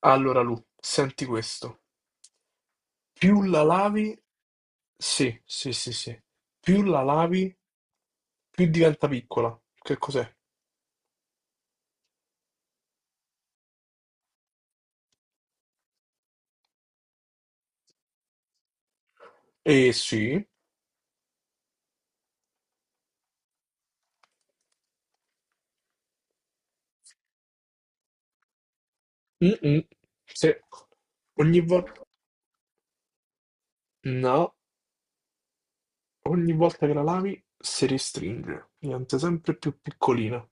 Allora Lu, senti questo. Più la lavi, sì, sì, sì, sì. Più la lavi, più diventa piccola. Che cos'è? Eh sì. Mm-mm. Se ogni volta... No, ogni volta che la lavi si restringe. Diventa sempre più piccolina.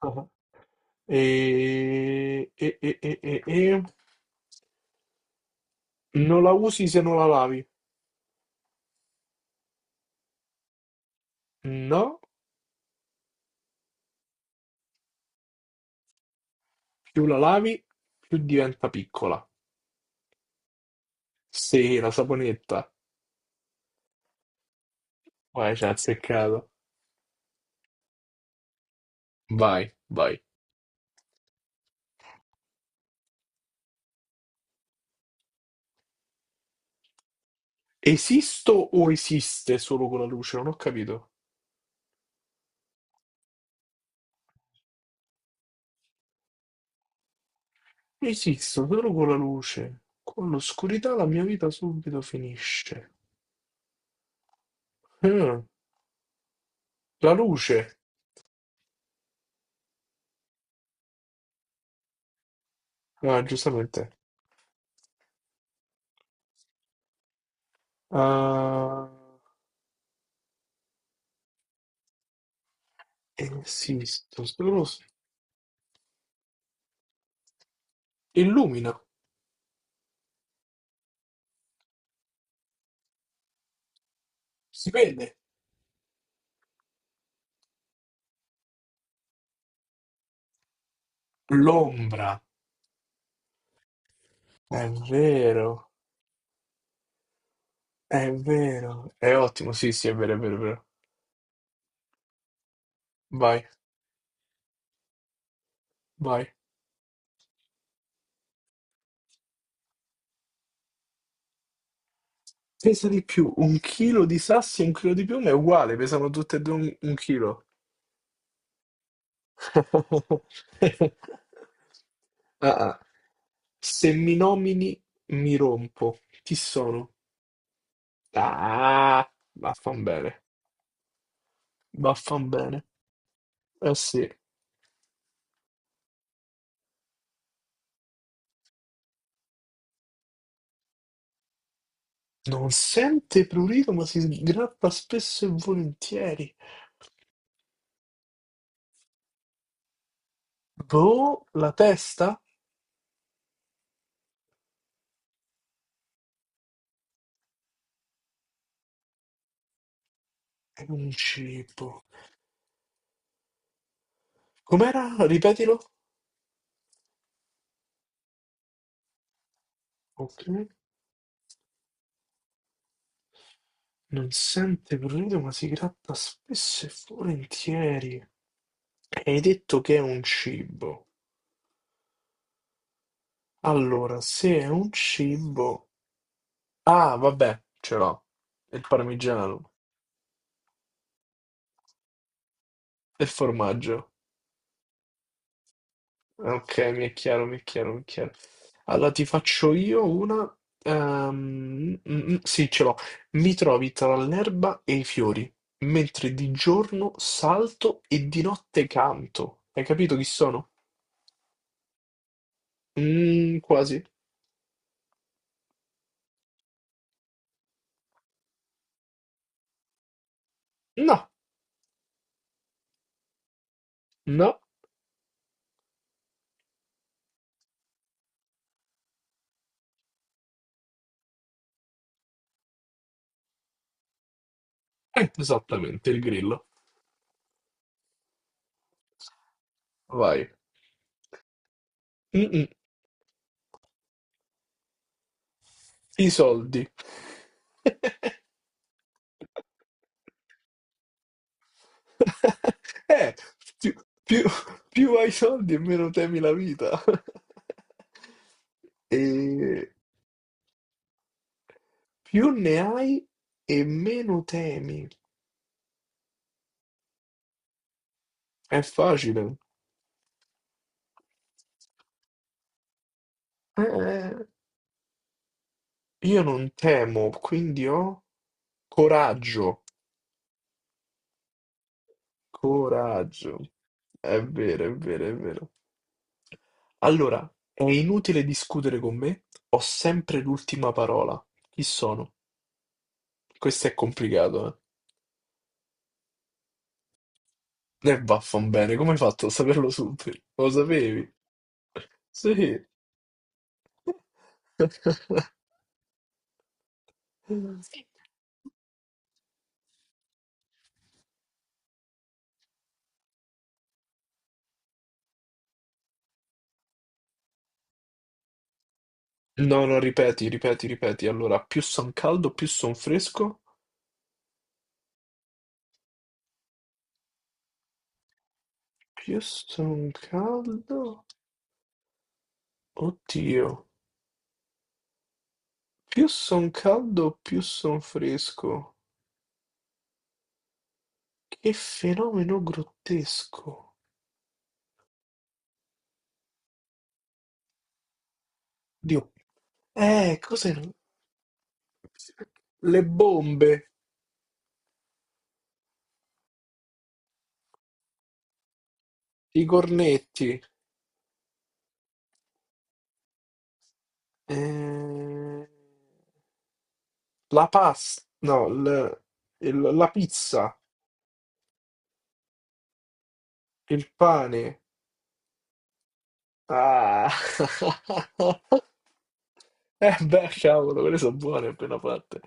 Ah. E... E, e, e, e, e... Non la usi se non la lavi. No, più la lavi, più diventa piccola. Sì, la saponetta. Vai, ci ha azzeccato. Vai, vai. Esisto o esiste solo con la luce? Non ho capito. Esisto solo con la luce. Con l'oscurità la mia vita subito finisce. Eh, la luce. Ah, giustamente. Ah, esisto solo... Illumina. Si vede. L'ombra. È vero. È vero. È ottimo. Sì, sì, è vero, è vero, è vero. Vai, vai. Pesa di più un chilo di sassi e un chilo di piume è uguale, pesano tutte e due un chilo. Ah, ah. Se mi nomini, mi rompo. Chi sono? Ah, vaffan bene, vaffan bene. Eh sì. Non sente prurito, ma si sgrappa spesso e volentieri. Boh, la testa è un cibo. Com'era? Ripetilo. Ok. Non sente prurito, ma si gratta spesso e volentieri. Hai detto che è un cibo. Allora, se è un cibo... Ah, vabbè, ce l'ho. Il parmigiano. Il formaggio. Ok, mi è chiaro, mi è chiaro, mi è chiaro. Allora, ti faccio io una... Sì, ce l'ho. Mi trovi tra l'erba e i fiori, mentre di giorno salto e di notte canto. Hai capito chi sono? Quasi. No. No, esattamente, il grillo. Vai. Mm-mm, i soldi. Eh, più, più- più hai soldi e meno temi la vita. E più ne hai e meno temi. È facile. Eh, io non temo, quindi ho coraggio. Coraggio. È vero, è vero, è vero. Allora, è inutile discutere con me, ho sempre l'ultima parola. Chi sono? Questo è complicato, eh. E vaffanbene, come hai fatto a saperlo subito? Lo sapevi? Sì. No, no, ripeti, ripeti, ripeti. Allora, più son caldo, più son fresco. Più son caldo? Oddio. Più son caldo, più son fresco. Che fenomeno grottesco. Dio. Cos'erano? Le bombe, i cornetti. Eh, la pasta, no, la pizza, il pane. Ah. Eh beh, cavolo, quelle sono buone appena fatte.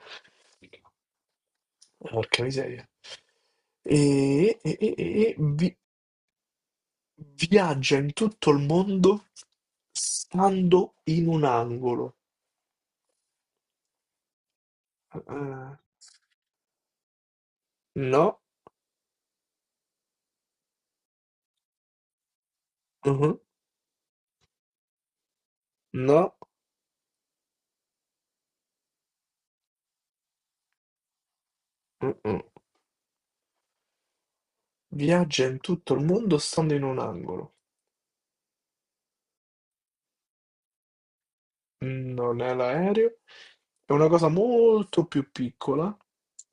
Porca miseria. E viaggia in tutto il mondo stando in un angolo. Eh, no, mhm, no, mm, mm. Viaggia in tutto il mondo stando in un angolo. Non è l'aereo. È una cosa molto più piccola,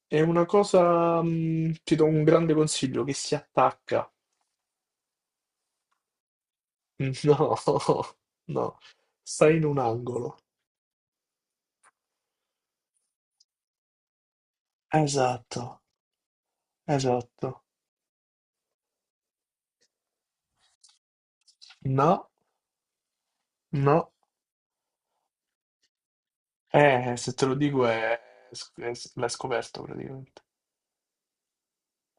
è una cosa, ti do un grande consiglio, che si attacca. No, no, stai in un angolo. Esatto, esatto. No, no. Se te lo dico l'hai scoperto praticamente.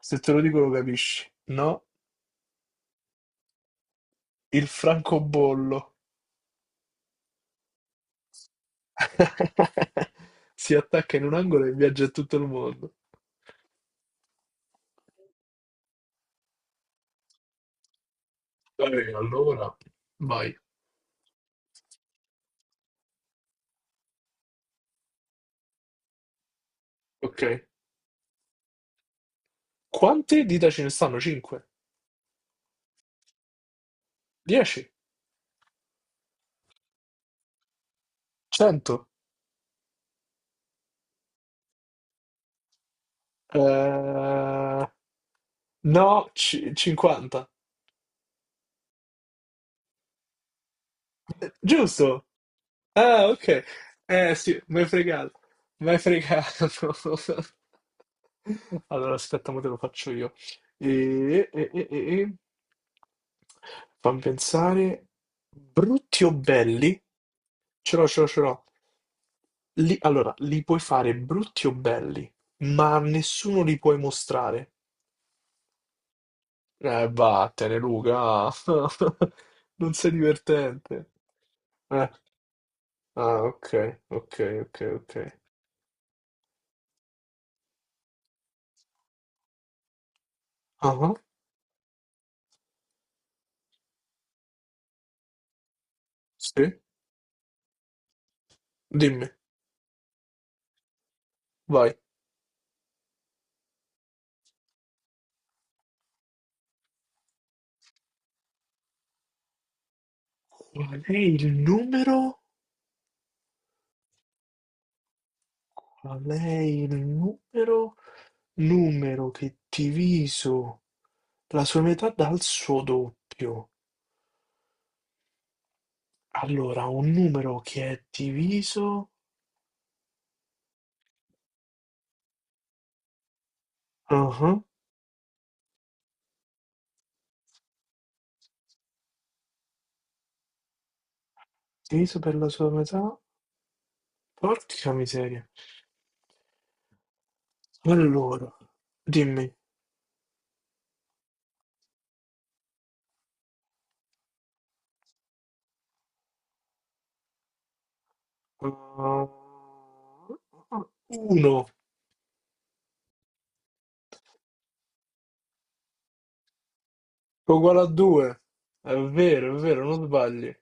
Se te lo dico lo capisci. No, il francobollo. Si attacca in un angolo e viaggia in tutto il mondo. Vabbè, allora vai. Ok. Quante dita ce ne stanno? 5? 10? 100? Eh, no, 50. Giusto? Ah, ok. Eh sì, mi hai fregato. Mi hai fregato. Allora, aspetta, ma te lo faccio io. E, e, e, e, e. Fammi pensare. Brutti o belli? Ce l'ho, ce l'ho, ce l'ho. Allora, li puoi fare brutti o belli, ma a nessuno li puoi mostrare. Vattene, Luca. Non sei divertente. Eh, ah, ok, ok, ok, ok. Ah, ah, sì, dimmi, vai. Qual è il numero? Qual è il numero? Numero che diviso la sua metà dal suo doppio. Allora, un numero che è diviso... Ah, ah, diviso per la sua metà? Porca miseria. Allora, dimmi. 1 uguale a 2. È vero, non sbagli.